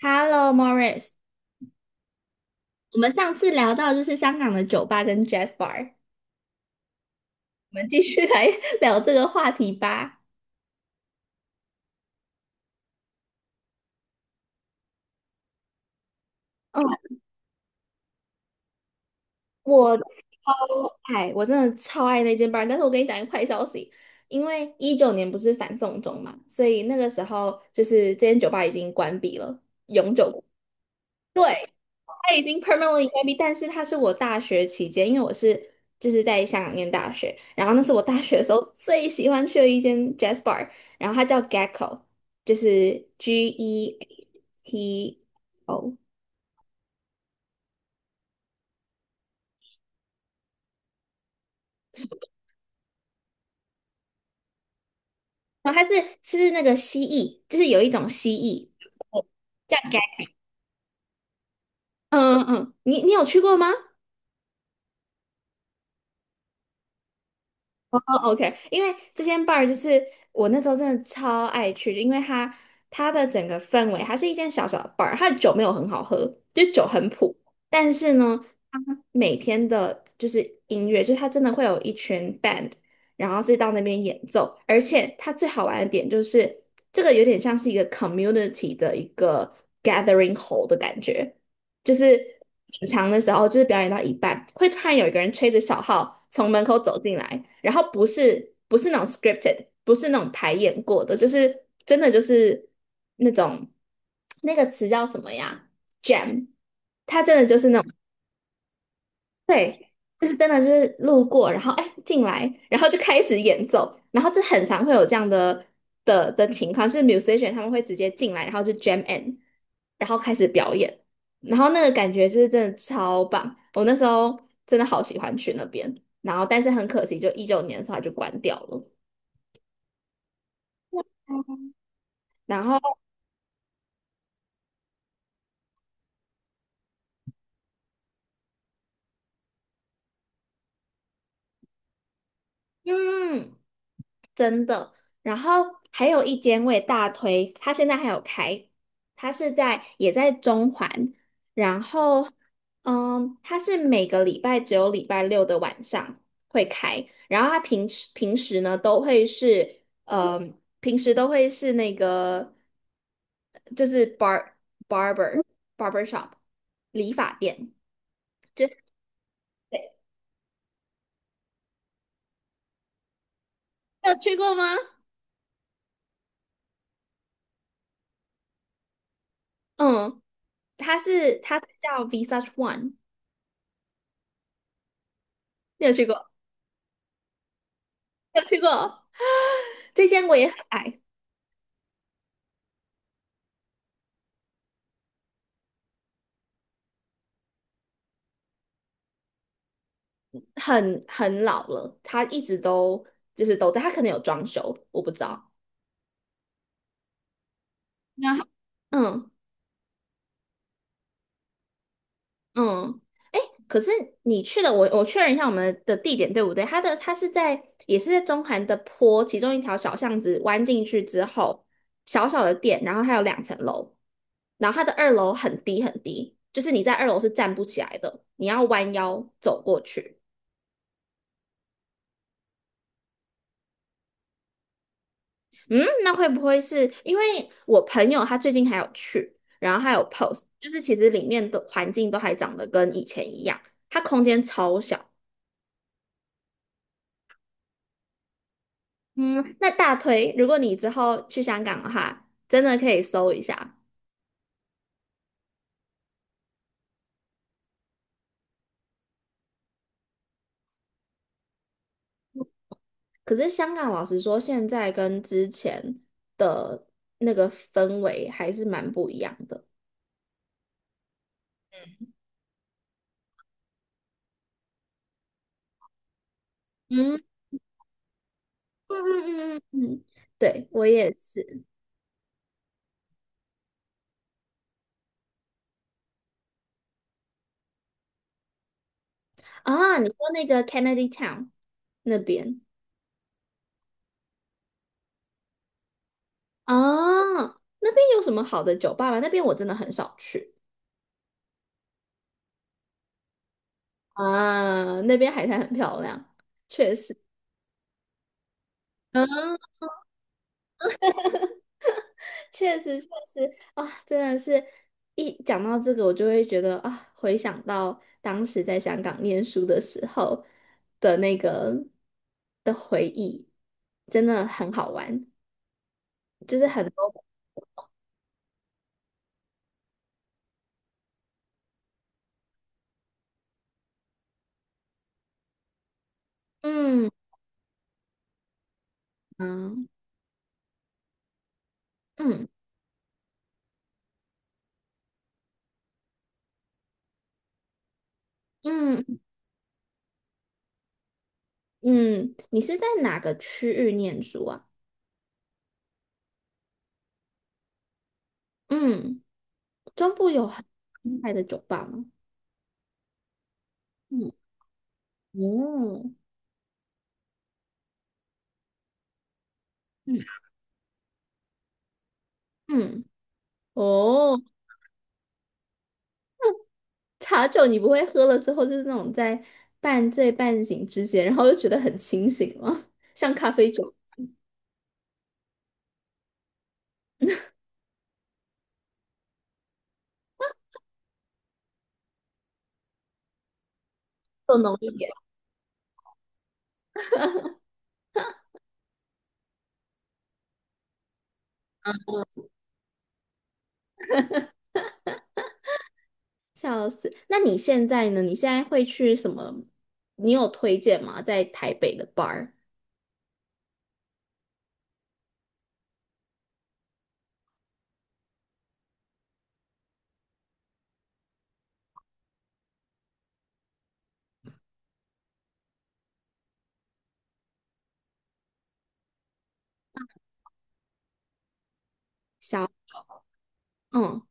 Hello, Morris。我们上次聊到就是香港的酒吧跟 Jazz Bar，我们继续来 聊这个话题吧。哦，我超爱，我真的超爱那间 bar。但是我跟你讲一个坏消息，因为一九年不是反送中嘛，所以那个时候就是这间酒吧已经关闭了，永久关对，它已经 permanently 关闭，但是它是我大学期间，因为我在香港念大学，然后那是我大学的时候最喜欢去的一间 jazz bar，然后它叫 Gecko，就是 GETO，然后它是那个蜥蜴，就是有一种蜥蜴叫 Gecko，嗯嗯嗯，你有去过吗？哦，OK，因为这间 bar 就是我那时候真的超爱去，因为它的整个氛围，它是一间小小的 bar，它的酒没有很好喝，就酒很普，但是呢，它每天的就是音乐，就是它真的会有一群 band，然后是到那边演奏，而且它最好玩的点就是这个有点像是一个 community 的一个 gathering hole 的感觉。就是品尝的时候，就是表演到一半，会突然有一个人吹着小号从门口走进来，然后不是那种 scripted，不是那种排演过的，就是真的就是那种那个词叫什么呀？jam，它真的就是那种。对，就是真的就是路过，然后哎进来，然后就开始演奏，然后就很常会有这样的情况，就是 musician 他们会直接进来，然后就 jam in，然后开始表演，然后那个感觉就是真的超棒，我那时候真的好喜欢去那边，然后但是很可惜，就一九年的时候它就关掉了，然后嗯。真的。然后还有一间我也大推，它现在还有开，它也在中环，然后嗯，它是每个礼拜只有礼拜六的晚上会开，然后它平时呢都会是嗯，平时都会是那个就是 bar barber barber shop 理发店，就对，你有去过吗？嗯，它是叫 Visage One，你有去过？有去过。这间我也很爱，很老了，它一直都就是都在，它可能有装修，我不知道。然后，嗯嗯，哎，可是你去的，我确认一下我们的地点对不对？它的它是在也是在中环的坡其中一条小巷子弯进去之后，小小的店，然后它有两层楼，然后它的二楼很低很低，就是你在二楼是站不起来的，你要弯腰走过去。嗯，那会不会是因为我朋友他最近还有去，然后还有 post，就是其实里面的环境都还长得跟以前一样，它空间超小。嗯，那大推，如果你之后去香港的话，真的可以搜一下。可是香港老实说，现在跟之前的那个氛围还是蛮不一样的。嗯嗯嗯嗯嗯，嗯对，我也是啊。你说那个 Kennedy Town 那边。啊，那边有什么好的酒吧吗？那边我真的很少去啊，那边海滩很漂亮，确实，嗯，确实确实啊，真的是一讲到这个，我就会觉得啊，回想到当时在香港念书的时候的那个的回忆，真的很好玩，就是很多 嗯嗯嗯嗯嗯，你是在哪个区域念书啊？嗯。中部有很厉害的酒吧吗？嗯，哦，嗯嗯，哦，茶酒你不会喝了之后就是那种在半醉半醒之间，然后又觉得很清醒吗？像咖啡酒更浓一点，笑死。那你现在呢？你现在会去什么？你有推荐吗？在台北的 bar？嗯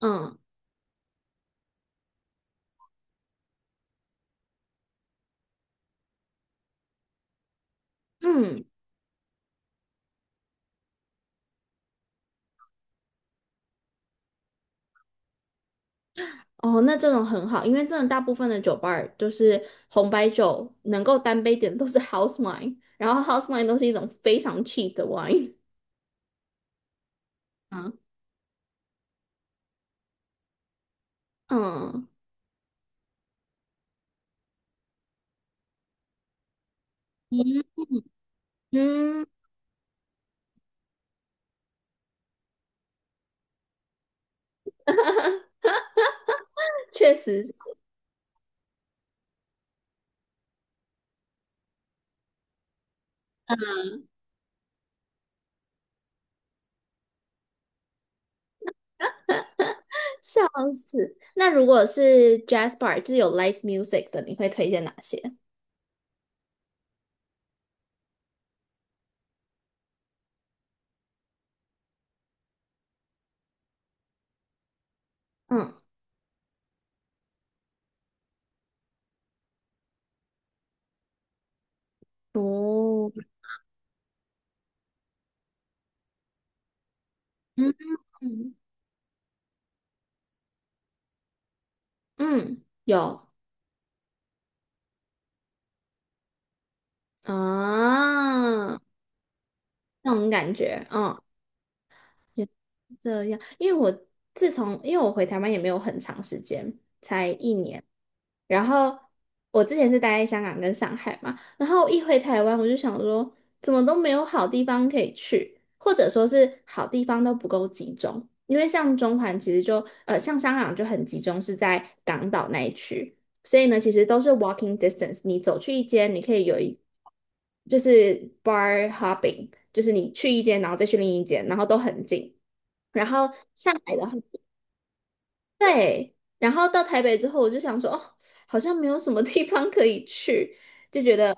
嗯嗯。哦，那这种很好，因为真的大部分的酒吧儿就是红白酒能够单杯点的都是 house wine，然后 house wine 都是一种非常 cheap 的 wine 嗯嗯嗯嗯，确实是，笑死。那如果是 jazz bar，就是有 live music 的，你会推荐哪些？嗯，哦，嗯嗯，有啊，那种感觉，嗯。也这样，因为我自从因为我回台湾也没有很长时间，才一年。然后我之前是待在香港跟上海嘛，然后一回台湾我就想说，怎么都没有好地方可以去，或者说是好地方都不够集中。因为像中环其实就像香港就很集中，是在港岛那一区。所以呢，其实都是 walking distance。你走去一间，你可以就是 bar hopping，就是你去一间，然后再去另一间，然后都很近。然后上海的话，对。然后到台北之后，我就想说，哦，好像没有什么地方可以去，就觉得，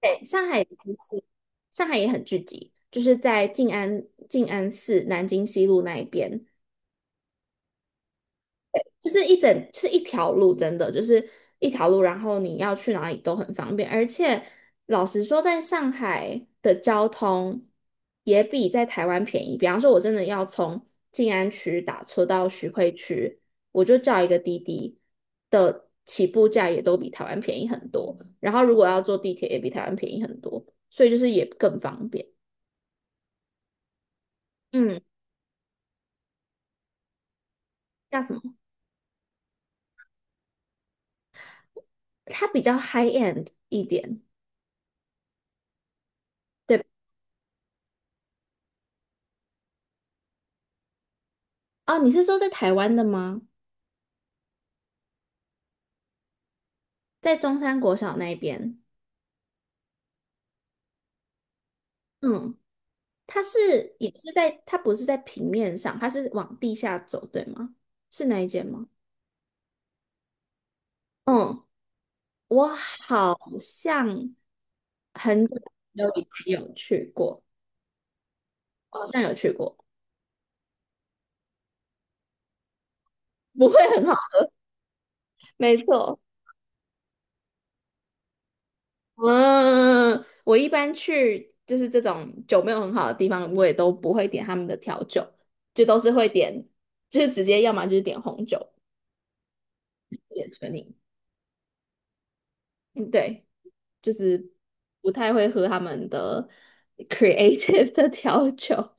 对，上海也很聚集，就是在静安静安寺南京西路那一边，就是一整，就是一条路，真的就是一条路，然后你要去哪里都很方便，而且老实说，在上海的交通也比在台湾便宜。比方说，我真的要从静安区打车到徐汇区，我就叫一个滴滴的起步价也都比台湾便宜很多，然后如果要坐地铁也比台湾便宜很多，所以就是也更方便。嗯，叫什么？它比较 high end 一点，对吧？哦，你是说在台湾的吗？在中山国小那边，嗯，它是也是在，它不是在平面上，它是往地下走，对吗？是那一间吗？嗯，我好像很久以前有去过，好像有去过，不会很好，没错。嗯，我一般去就是这种酒没有很好的地方，我也都不会点他们的调酒，就都是会点，就是直接要么就是点红酒，点纯饮，嗯，对。就是不太会喝他们的 creative 的调酒，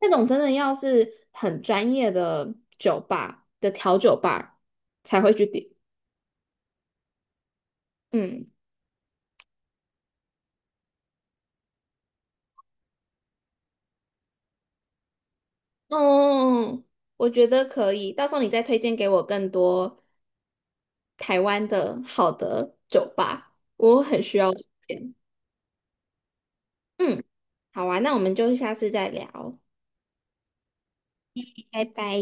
那种真的要是很专业的酒吧的调酒吧才会去点。嗯，哦，我觉得可以，到时候你再推荐给我更多台湾的好的酒吧，我很需要推荐。嗯，好啊，那我们就下次再聊，拜拜。